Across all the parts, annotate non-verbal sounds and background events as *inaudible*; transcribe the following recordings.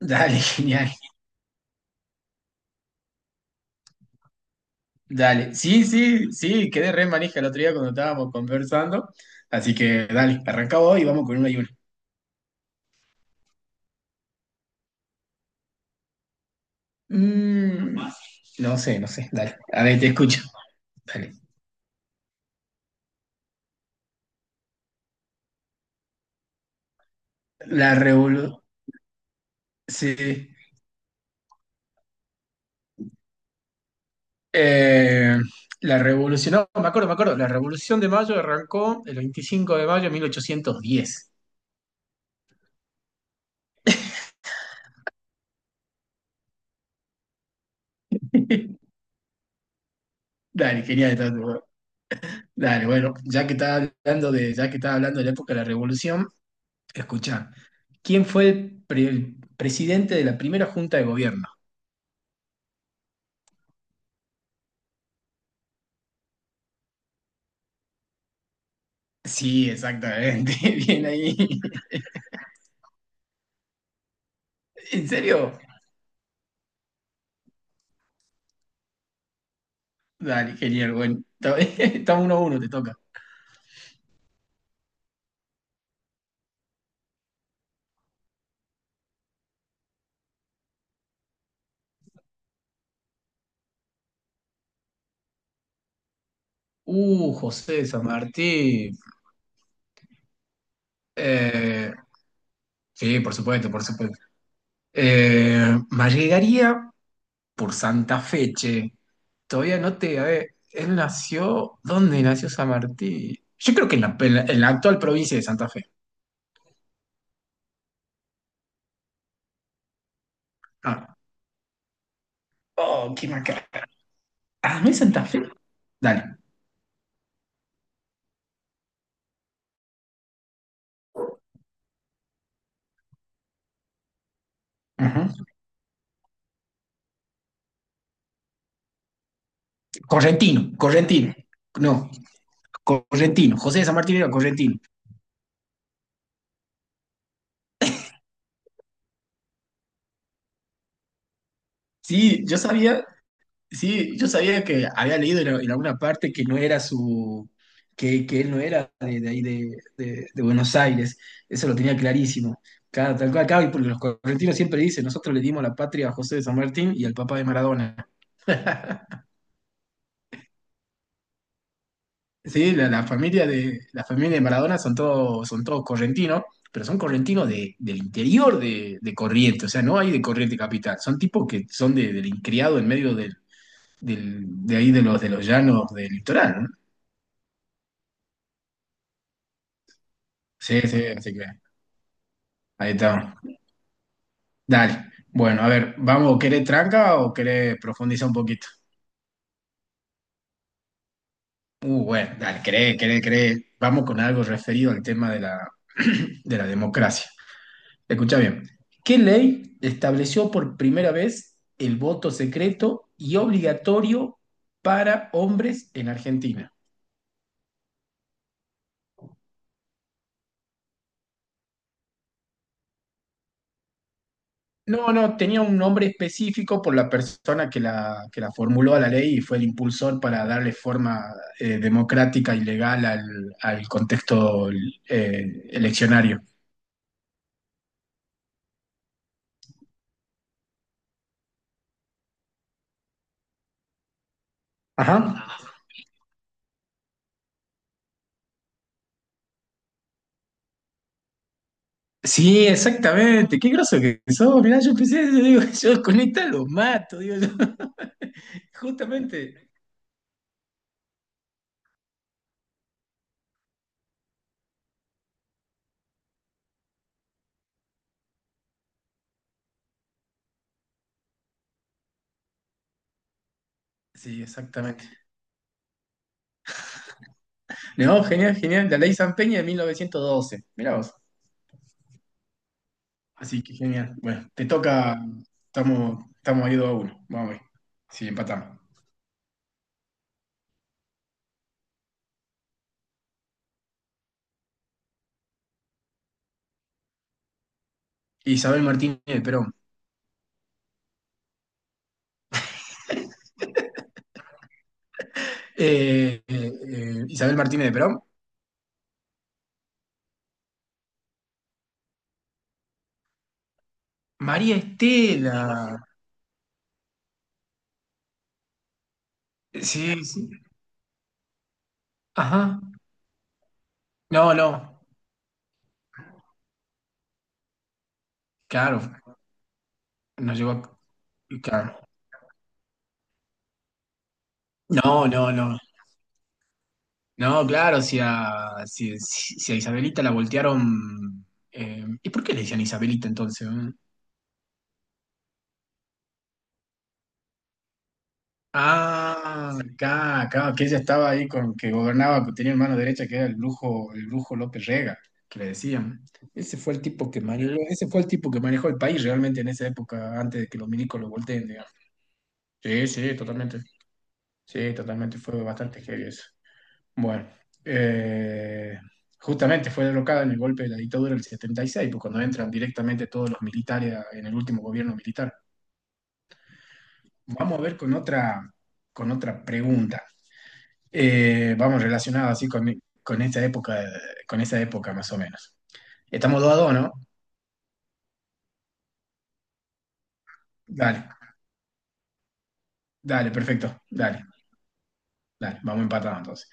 Dale, *laughs* genial. Dale. Sí, sí, sí, quedé re manija el otro día cuando estábamos conversando. Así que dale, arranca hoy y vamos con una y una. Mm, no sé, no sé. Dale. A ver, te escucho. Dale. La revolución. Sí. Eh, la revolución, no, me acuerdo, me acuerdo. La revolución de mayo arrancó el 25 de mayo de 1810. *laughs* Dale, genial. Entonces, bueno. Dale, bueno, ya que estás hablando de la época de la revolución. Escucha, ¿quién fue el presidente de la primera junta de gobierno? Sí, exactamente, *laughs* bien ahí. ¿En serio? Dale, genial, bueno. *laughs* Estamos uno a uno, te toca. José de San Martín. Eh, sí, por supuesto, por supuesto. Me llegaría por Santa Fe, che. Todavía no te. A ver, él nació. ¿Dónde nació San Martín? Yo creo que en la actual provincia de Santa Fe. Ah. Oh, qué macana. Ah, ¿no es Santa Fe? Dale. Ujú. Correntino, Correntino. No, Correntino. José de San Martín era Correntino. Sí, yo sabía, sí, yo sabía que había leído en alguna parte que no era su, que él no era de ahí de Buenos Aires. Eso lo tenía clarísimo. Cada, tal cual, claro, y porque los correntinos siempre dicen, nosotros le dimos la patria a José de San Martín y al papá de Maradona. *laughs* Sí, la familia de la familia de Maradona son todos correntinos, pero son correntinos del interior de Corrientes, o sea, no hay de Corrientes capital, son tipos que son del criado en medio de ahí de los llanos del litoral, ¿no? Sí, sí, así que ahí está. Dale. Bueno, a ver, vamos, ¿querés tranca o querés profundizar un poquito? Bueno, dale, querés. Vamos con algo referido al tema de la *clears throat* de la democracia. Escucha bien. ¿Qué ley estableció por primera vez el voto secreto y obligatorio para hombres en Argentina? No, no, tenía un nombre específico por la persona que la formuló a la ley y fue el impulsor para darle forma democrática y legal al contexto eleccionario. Ajá. Sí, exactamente. Qué groso que sos. Mirá, yo empecé, yo digo, *laughs* yo con esta los mato, digo yo. *laughs* Justamente. Sí, exactamente. No, genial, genial. La ley San Peña de 1912. Mirá vos. Así que genial. Bueno, te toca. Estamos ahí 2 a uno. Vamos a ver. Sí, empatamos. Isabel Martínez de Perón. Isabel Martínez de Perón. María Estela. Sí, sí. Ajá. No, no. Claro. Nos llegó a. Claro. No, no, no. No, claro, si a Isabelita la voltearon. ¿Y por qué le decían Isabelita entonces? ¿Eh? Ah, acá, acá, que ella estaba ahí con que gobernaba, que tenía el mano derecha, que era el brujo López Rega, que le decían. Ese fue el tipo que manejó, ese fue el tipo que manejó el país realmente en esa época, antes de que los milicos lo volteen, digamos. Sí, sí, totalmente. Sí, totalmente, fue bastante heavy eso. Bueno, eh, justamente fue derrocada en el golpe de la dictadura del 76, pues cuando entran directamente todos los militares en el último gobierno militar. Vamos a ver con otra pregunta. Vamos relacionado así con esta época, con esa época más o menos. Estamos dos a dos, ¿no? Dale, dale, perfecto, dale, dale, vamos empatados entonces.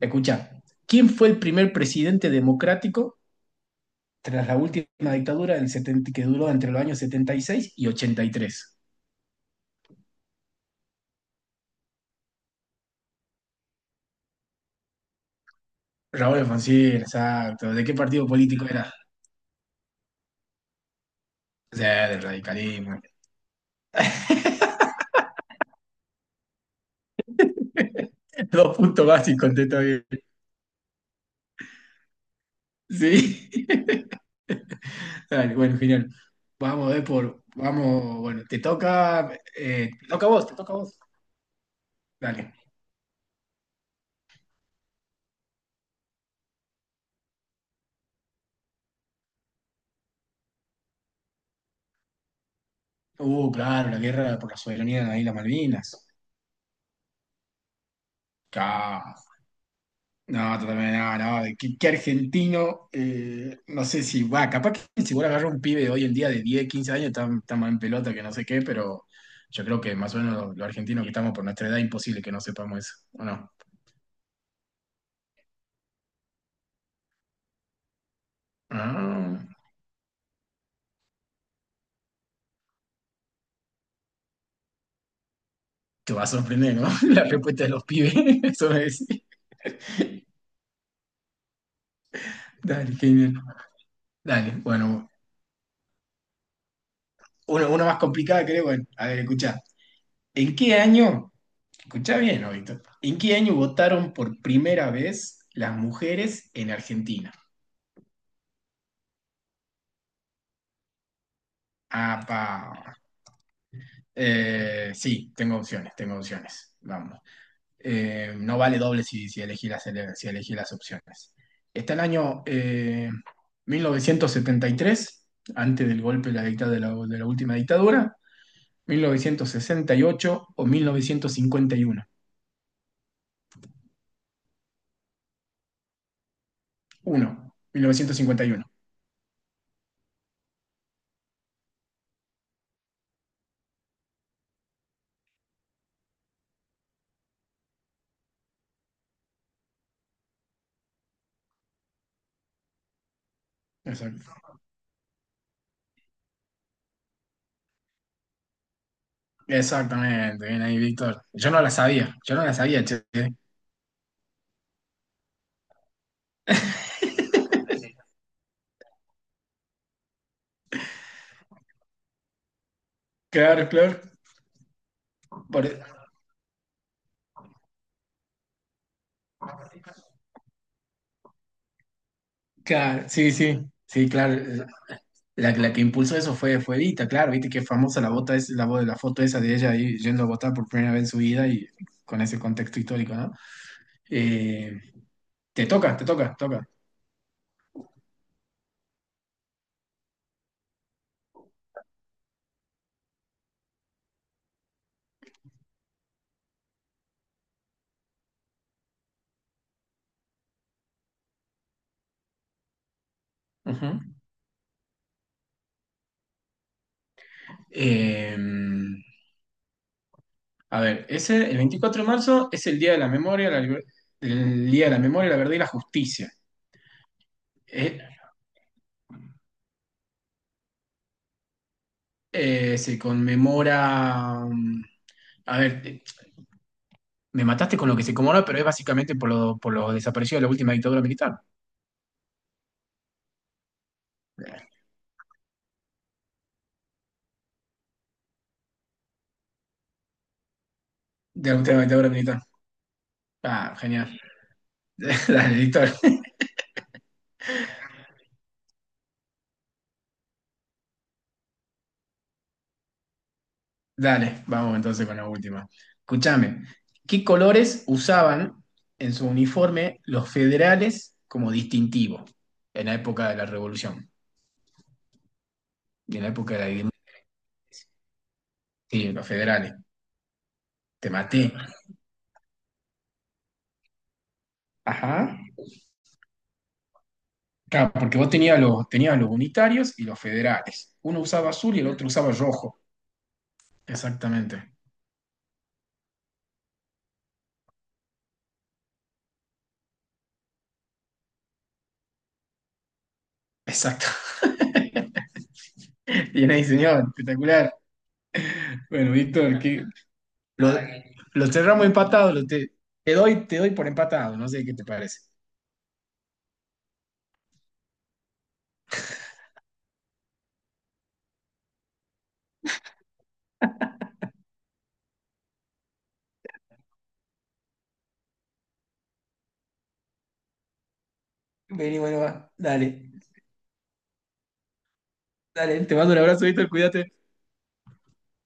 Escucha, ¿quién fue el primer presidente democrático tras la última dictadura del 70 que duró entre los años setenta y seis y ochenta y tres? Raúl Alfonsín, exacto. ¿De qué partido político era? O sea, del radicalismo. *laughs* Dos puntos básicos, contesta bien. Sí. Dale, bueno, genial. Vamos a ver por. Vamos, bueno, te toca. Te toca a vos, te toca a vos. Dale. Claro, la guerra por la soberanía de las Islas Malvinas. Claro. No, totalmente, no, no. de ¿Qué argentino? No sé si va, capaz que si vos agarras un pibe de hoy en día de 10 15 años, está más en pelota que no sé qué, pero yo creo que más o menos los argentinos que estamos por nuestra edad, imposible que no sepamos eso, ¿o no? Ah, te va a sorprender, ¿no? *laughs* La respuesta de los pibes, *laughs* eso es. Dale, genial. Dale, bueno, uno, una más complicada creo. Bueno, a ver, escucha. ¿En qué año, escucha bien, ¿no, Víctor? ¿En qué año votaron por primera vez las mujeres en Argentina? Apa. Sí, tengo opciones, tengo opciones. Vamos. No vale doble si elegí las, ele- si elegí las opciones. Está el año 1973 antes del golpe de la última dictadura, 1968 o 1951 1951. Exacto. Exactamente, bien ahí, Víctor. Yo no la sabía, yo no la sabía, che. Claro, claro. Por- e, claro, sí, sí, sí, claro. La que impulsó eso fue Evita, claro, viste que famosa la bota es la foto esa de ella ahí yendo a votar por primera vez en su vida y con ese contexto histórico, ¿no? Eh, Te toca, te toca, te toca. Ujú. Eh, a ver, ese, el 24 de marzo es el Día de la Memoria, la liber- el Día de la Memoria, la Verdad y la Justicia. Eh, Se conmemora. A ver, me mataste con lo que se conmemora, pero es básicamente por lo desaparecido de la última dictadura militar. Eh, De la última dictadura militar. Ah, genial. *laughs* Dale, Víctor. *laughs* Dale, vamos entonces con la última. Escúchame, ¿qué colores usaban en su uniforme los federales como distintivo en la época de la Revolución? ¿Y en la época de la independencia? Sí, los federales. Te maté. Ajá. Claro, porque vos tenías los unitarios y los federales. Uno usaba azul y el otro usaba rojo. Exactamente. Exacto. *laughs* Bien ahí, señor. Espectacular. Bueno, Víctor, que lo, lo cerramos empatado. Lo te, te doy por empatado. No sé qué te parece. Vení, bueno, va. Dale. Dale, te mando un abrazo, Víctor. Cuídate.